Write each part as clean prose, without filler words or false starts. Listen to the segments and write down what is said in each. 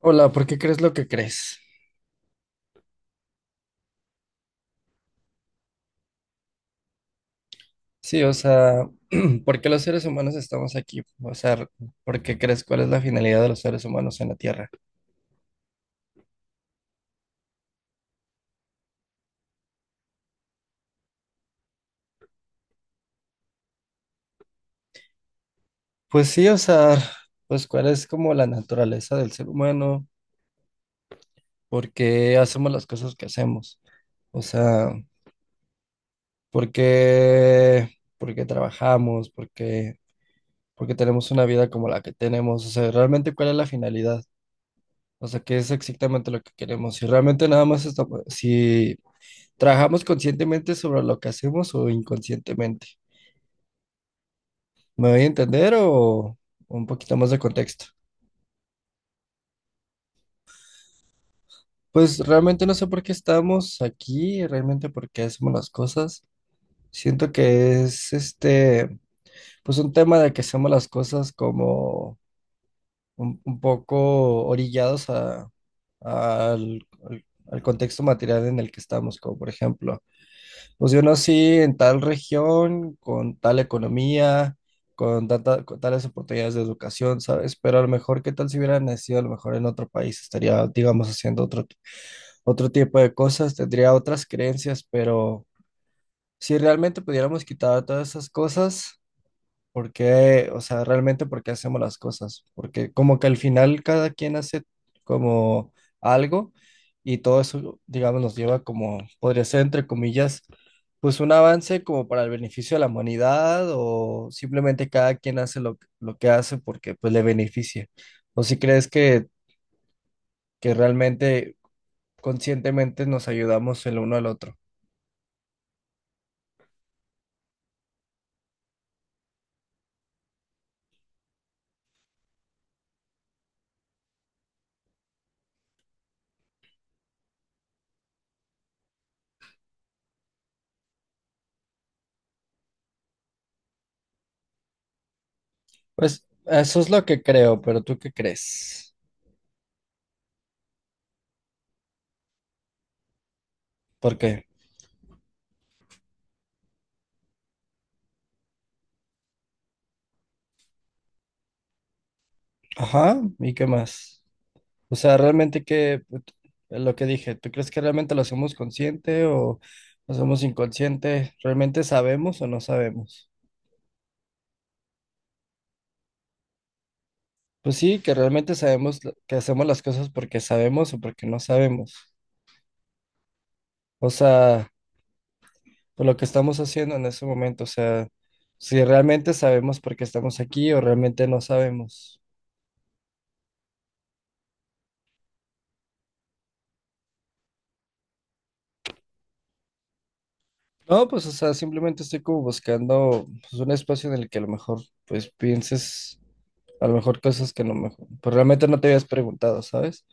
Hola, ¿por qué crees lo que crees? Sí, o sea, ¿por qué los seres humanos estamos aquí? O sea, ¿por qué crees cuál es la finalidad de los seres humanos en la Tierra? Pues sí, o sea, pues cuál es como la naturaleza del ser humano, por qué hacemos las cosas que hacemos, o sea, por qué, por qué trabajamos, por qué tenemos una vida como la que tenemos, o sea, realmente cuál es la finalidad, o sea, qué es exactamente lo que queremos, si realmente nada más estamos, si ¿trabajamos conscientemente sobre lo que hacemos o inconscientemente? ¿Me voy a entender o un poquito más de contexto? Pues realmente no sé por qué estamos aquí, realmente por qué hacemos las cosas. Siento que es este, pues un tema de que hacemos las cosas como un poco orillados a, al contexto material en el que estamos, como por ejemplo. Pues yo nací en tal región, con tal economía, con, con tales oportunidades de educación, ¿sabes? Pero a lo mejor, ¿qué tal si hubiera nacido a lo mejor en otro país? Estaría, digamos, haciendo otro, otro tipo de cosas, tendría otras creencias, pero si realmente pudiéramos quitar todas esas cosas, ¿por qué? O sea, realmente por qué hacemos las cosas. Porque como que al final cada quien hace como algo y todo eso, digamos, nos lleva como, podría ser entre comillas, pues un avance como para el beneficio de la humanidad o simplemente cada quien hace lo que hace porque pues le beneficia. ¿O si crees que realmente conscientemente nos ayudamos el uno al otro? Pues eso es lo que creo, pero ¿tú qué crees? ¿Por qué? Ajá, ¿y qué más? O sea, realmente que lo que dije, ¿tú crees que realmente lo hacemos consciente o lo hacemos inconsciente? ¿Realmente sabemos o no sabemos? Pues sí, que realmente sabemos que hacemos las cosas porque sabemos o porque no sabemos. O sea, por lo que estamos haciendo en ese momento, o sea, si realmente sabemos por qué estamos aquí o realmente no sabemos. No, pues, o sea, simplemente estoy como buscando pues, un espacio en el que a lo mejor, pues, pienses a lo mejor cosas que no me, pues, realmente no te habías preguntado, ¿sabes?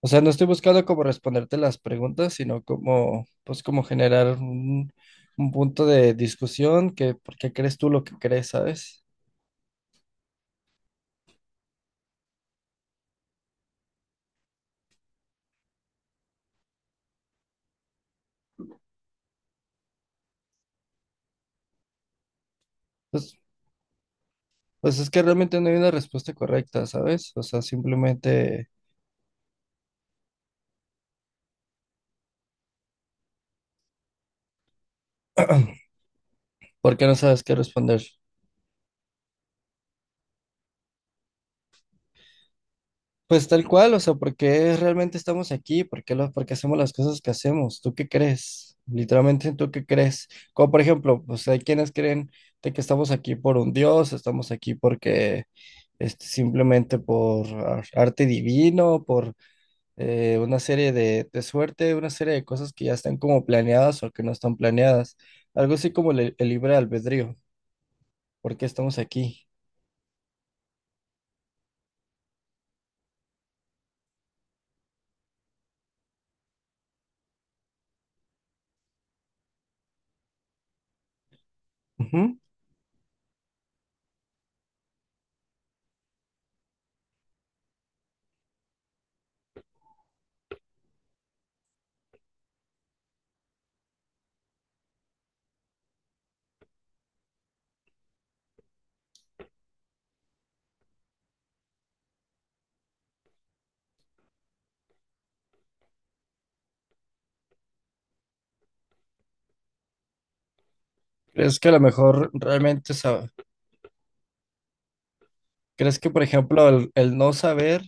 O sea, no estoy buscando como responderte las preguntas, sino como, pues, como generar un punto de discusión que, ¿por qué crees tú lo que crees, ¿sabes? Pues, pues es que realmente no hay una respuesta correcta, ¿sabes? O sea, simplemente, ¿por qué no sabes qué responder? Pues tal cual, o sea, ¿por qué realmente estamos aquí? ¿Por qué, por qué hacemos las cosas que hacemos? ¿Tú qué crees? Literalmente, ¿tú qué crees? Como por ejemplo, pues hay quienes creen de que estamos aquí por un Dios, estamos aquí porque este, simplemente por arte divino, por una serie de suerte, una serie de cosas que ya están como planeadas o que no están planeadas. Algo así como el libre albedrío. ¿Por qué estamos aquí? Ujú. ¿Crees que a lo mejor realmente ¿crees que, por ejemplo, el no saber,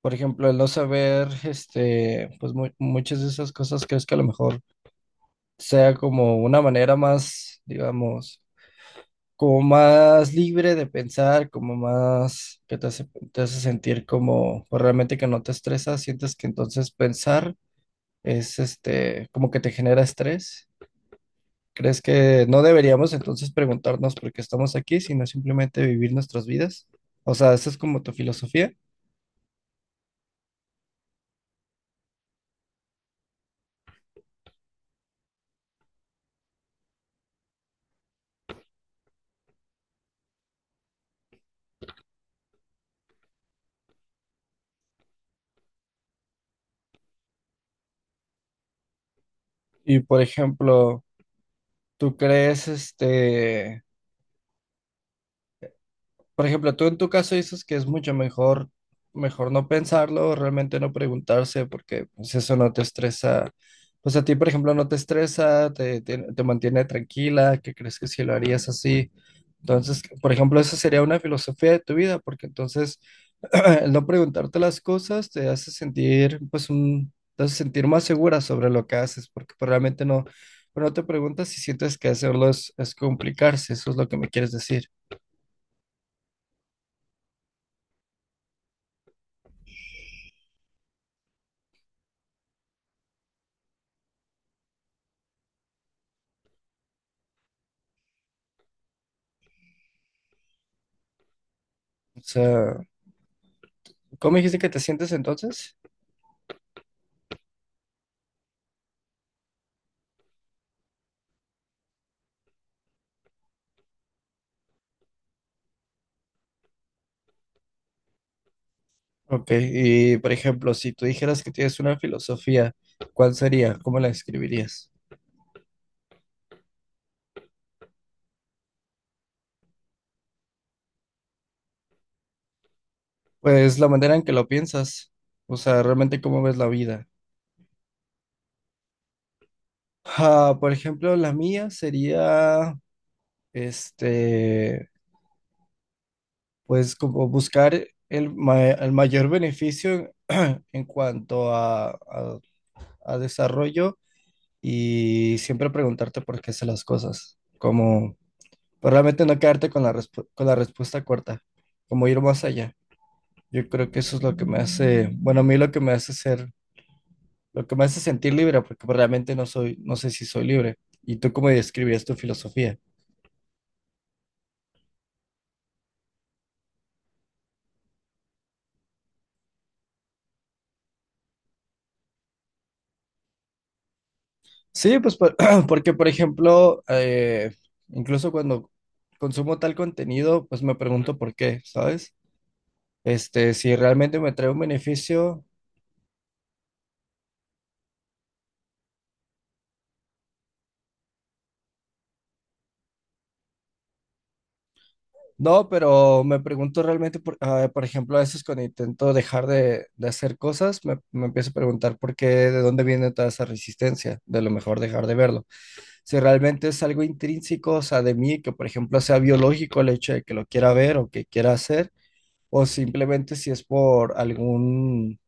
por ejemplo, el no saber, este, pues muchas de esas cosas, crees que a lo mejor sea como una manera más, digamos, como más libre de pensar, como más que te hace sentir como, pues realmente que no te estresas, sientes que entonces pensar es, este, como que te genera estrés? ¿Crees que no deberíamos entonces preguntarnos por qué estamos aquí, sino simplemente vivir nuestras vidas? O sea, ¿esa es como tu filosofía? Y por ejemplo, ¿tú crees este, por ejemplo, tú en tu caso dices que es mucho mejor, mejor no pensarlo, realmente no preguntarse, porque pues eso no te estresa, pues a ti, por ejemplo, no te estresa, te mantiene tranquila, que crees que si lo harías así? Entonces, por ejemplo, esa sería una filosofía de tu vida, porque entonces el no preguntarte las cosas te hace sentir, pues, un, te hace sentir más segura sobre lo que haces, porque pues, realmente no, pues, no te preguntas si sientes que hacerlo es complicarse, eso es lo que me quieres decir. O sea, ¿cómo dijiste que te sientes entonces? Ok, y por ejemplo, si tú dijeras que tienes una filosofía, ¿cuál sería? ¿Cómo la describirías? Pues la manera en que lo piensas, o sea, realmente cómo ves la vida. Ah, por ejemplo, la mía sería, este, pues como buscar el, el mayor beneficio en cuanto a, a desarrollo y siempre preguntarte por qué haces las cosas, como pues, realmente no quedarte con la, con la respuesta corta, como ir más allá. Yo creo que eso es lo que me hace, bueno, a mí lo que me hace ser, lo que me hace sentir libre, porque pues, realmente no soy, no sé si soy libre. ¿Y tú cómo describías tu filosofía? Sí, pues porque, por ejemplo, incluso cuando consumo tal contenido, pues me pregunto por qué, ¿sabes? Este, si realmente me trae un beneficio, no, pero me pregunto realmente, por, ah, por ejemplo, a veces cuando intento dejar de hacer cosas, me empiezo a preguntar por qué, de dónde viene toda esa resistencia, de lo mejor dejar de verlo. Si realmente es algo intrínseco, o sea, de mí, que por ejemplo sea biológico el hecho de que lo quiera ver o que quiera hacer, o simplemente si es por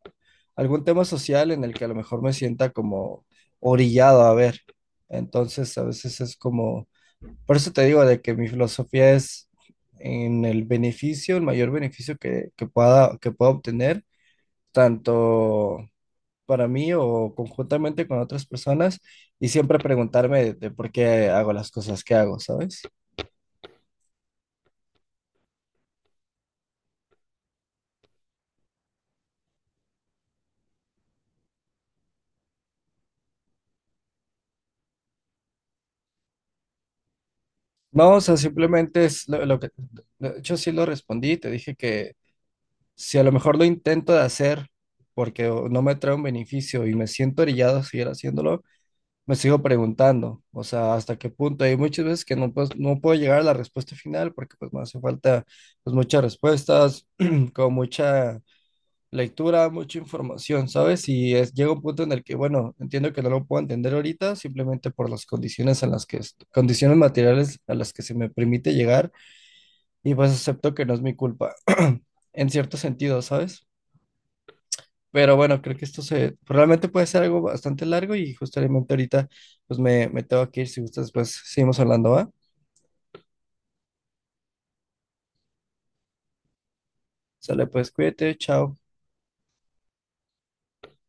algún tema social en el que a lo mejor me sienta como orillado a ver. Entonces, a veces es como, por eso te digo de que mi filosofía es en el beneficio, el mayor beneficio que, que pueda obtener, tanto para mí o conjuntamente con otras personas, y siempre preguntarme de por qué hago las cosas que hago, ¿sabes? No, o sea, simplemente es lo que yo sí lo respondí, te dije que si a lo mejor lo intento de hacer porque o, no me trae un beneficio y me siento orillado a seguir haciéndolo, me sigo preguntando, o sea, hasta qué punto. Hay muchas veces que no, pues, no puedo llegar a la respuesta final porque pues me hace falta pues muchas respuestas, con mucha lectura, mucha información, ¿sabes? Y es, llega un punto en el que, bueno, entiendo que no lo puedo entender ahorita simplemente por las condiciones en las que, condiciones materiales a las que se me permite llegar y pues acepto que no es mi culpa, en cierto sentido, ¿sabes? Pero bueno, creo que esto se realmente puede ser algo bastante largo y justamente ahorita pues me tengo que ir, si gustas, pues seguimos hablando, ¿va? Sale, pues cuídate, chao.